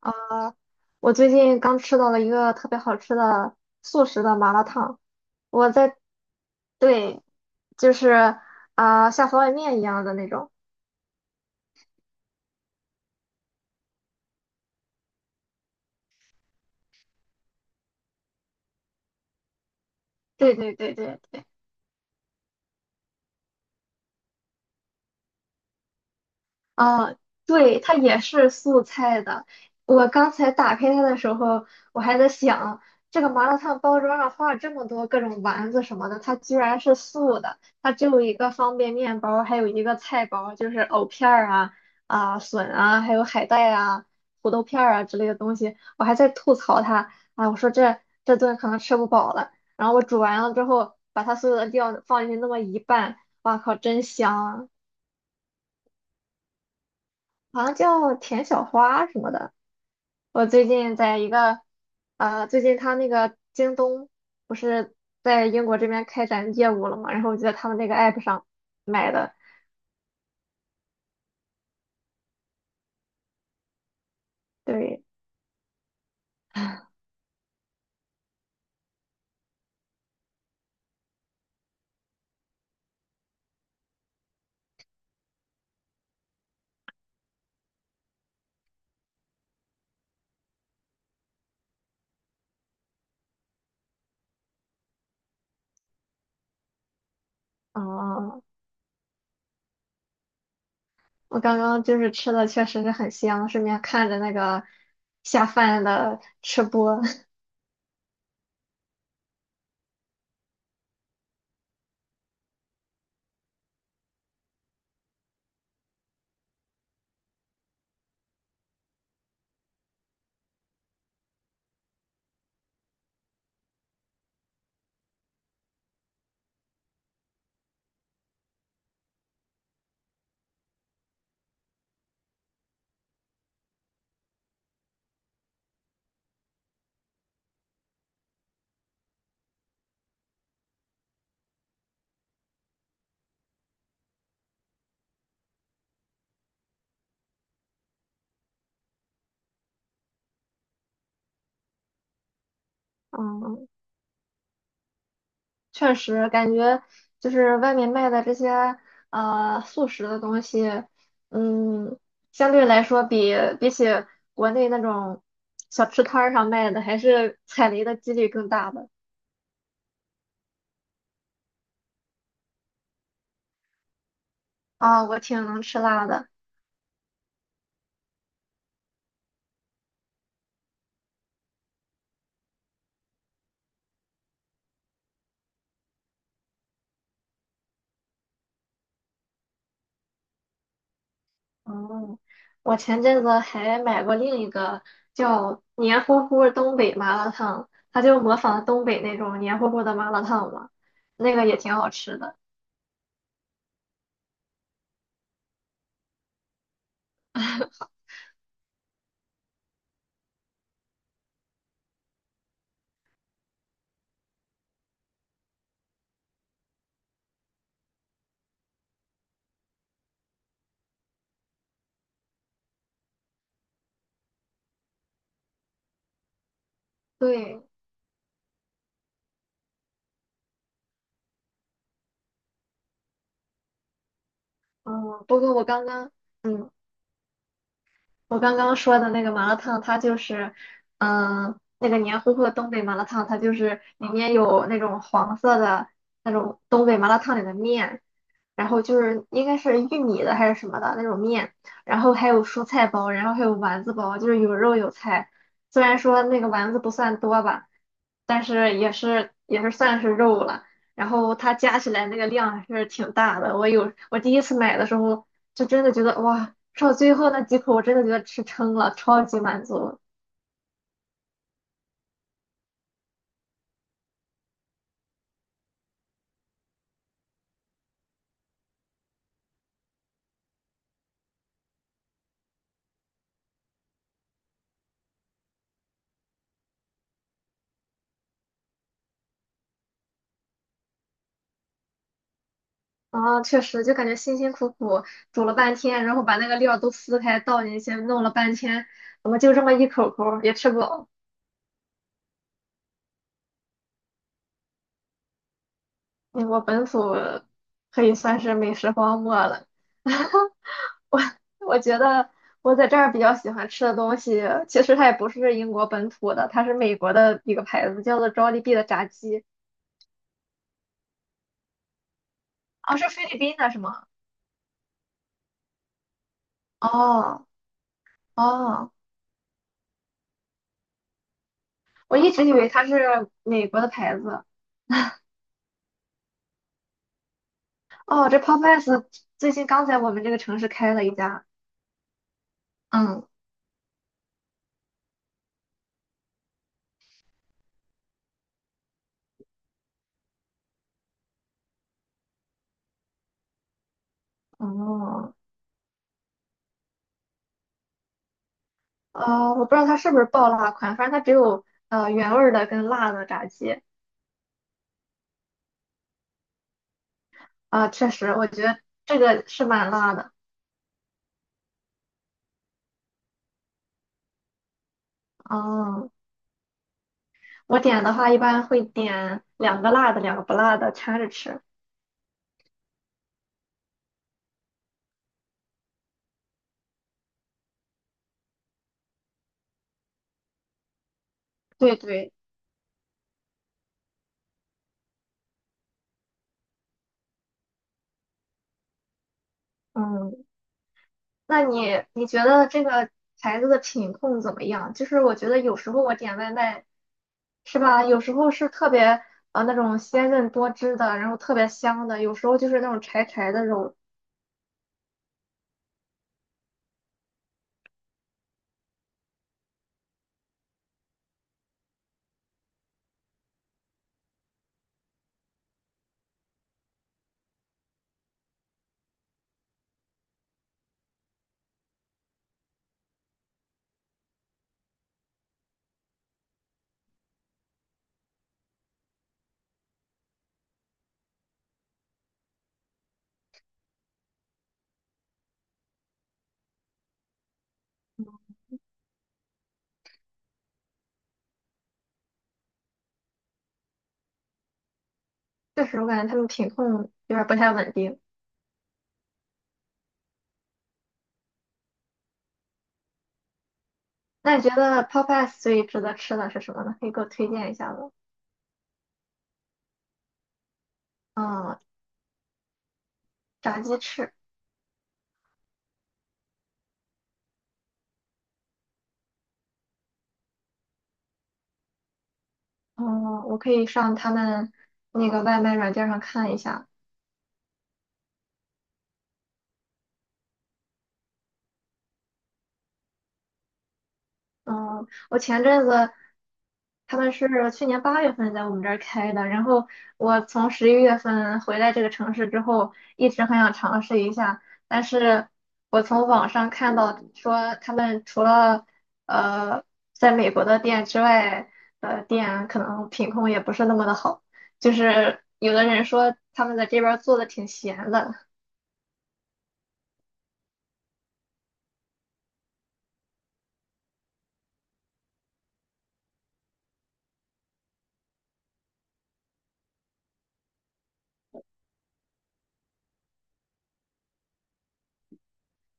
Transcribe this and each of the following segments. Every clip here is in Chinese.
啊，我最近刚吃到了一个特别好吃的素食的麻辣烫。我在，对，就是像方便面一样的那种。对对对对，啊，对，它也是素菜的。我刚才打开它的时候，我还在想，这个麻辣烫包装上画了这么多各种丸子什么的，它居然是素的。它只有一个方便面包，还有一个菜包，就是藕片儿啊、啊笋啊，还有海带啊、土豆片儿啊之类的东西。我还在吐槽它啊，我说这顿可能吃不饱了。然后我煮完了之后，把它所有的料放进去那么一拌，哇靠，真香啊！好像叫田小花什么的。我最近在一个，最近他那个京东不是在英国这边开展业务了嘛，然后我就在他们那个 app 上买的。对，嗯，我刚刚就是吃的确实是很香，顺便看着那个下饭的吃播。嗯，确实感觉就是外面卖的这些速食的东西，嗯，相对来说比起国内那种小吃摊儿上卖的，还是 踩雷的几率更大的。啊、我挺能吃辣的。嗯，我前阵子还买过另一个叫黏糊糊东北麻辣烫，它就模仿东北那种黏糊糊的麻辣烫嘛，那个也挺好吃的。对，嗯，不过我刚刚。嗯。我刚刚说的那个麻辣烫，它就是，嗯，那个黏糊糊的东北麻辣烫，它就是里面有那种黄色的那种东北麻辣烫里的面，然后就是应该是玉米的还是什么的那种面，然后还有蔬菜包，然后还有丸子包，就是有肉有菜。虽然说那个丸子不算多吧，但是也是算是肉了。然后它加起来那个量还是挺大的。我第一次买的时候，就真的觉得哇，吃到最后那几口，我真的觉得吃撑了，超级满足。啊，确实，就感觉辛辛苦苦煮了半天，然后把那个料都撕开倒进去，弄了半天，怎么就这么一口口儿也吃不饱？嗯，我本土可以算是美食荒漠了。我我觉得我在这儿比较喜欢吃的东西，其实它也不是英国本土的，它是美国的一个牌子，叫做 Jollibee 的炸鸡。哦，是菲律宾的是吗？哦哦，我一直以为它是美国的牌子。哦，这 Popeyes 最近刚在我们这个城市开了一家。嗯，哦，我不知道它是不是爆辣款，反正它只有原味儿的跟辣的炸鸡。啊，确实，我觉得这个是蛮辣的。哦。我点的话一般会点两个辣的，两个不辣的掺着吃。对对，嗯，那你觉得这个牌子的品控怎么样？就是我觉得有时候我点外卖是吧，有时候是特别那种鲜嫩多汁的，然后特别香的，有时候就是那种柴柴的肉，确实我感觉他们品控有点儿不太稳定。那你觉得 Popeyes 最值得吃的是什么呢？可以给我推荐一下吗？嗯，炸鸡翅。嗯，我可以上他们那个外卖软件上看一下。嗯，我前阵子他们是去年8月份在我们这儿开的，然后我从11月份回来这个城市之后，一直很想尝试一下，但是我从网上看到说他们除了呃在美国的店之外的店，可能品控也不是那么的好，就是有的人说他们在这边儿做的挺闲的。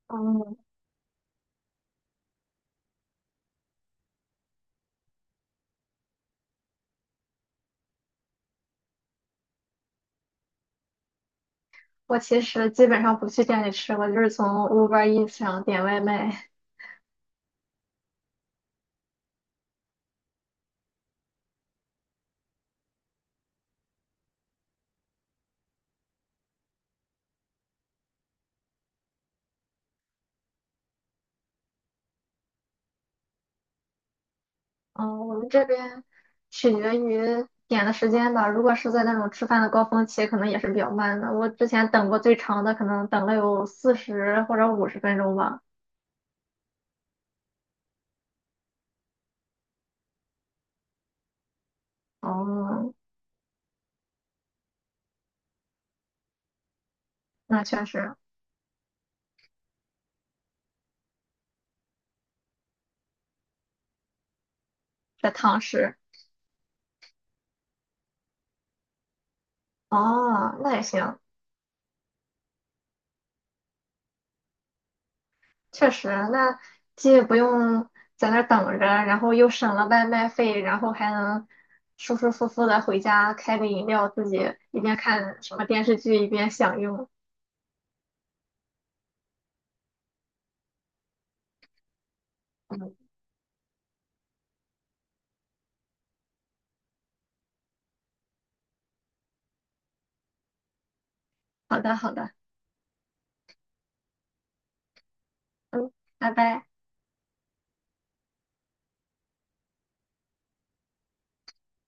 嗯。我其实基本上不去店里吃，我就是从 Uber Eats 上点外卖。嗯，我们这边取决于点的时间吧。如果是在那种吃饭的高峰期，可能也是比较慢的。我之前等过最长的，可能等了有40或者50分钟吧。哦，那确实在堂食。哦，那也行。确实，那既不用在那儿等着，然后又省了外卖费，然后还能舒舒服服的回家开个饮料，自己一边看什么电视剧一边享用。嗯，好的，好的，嗯，拜拜。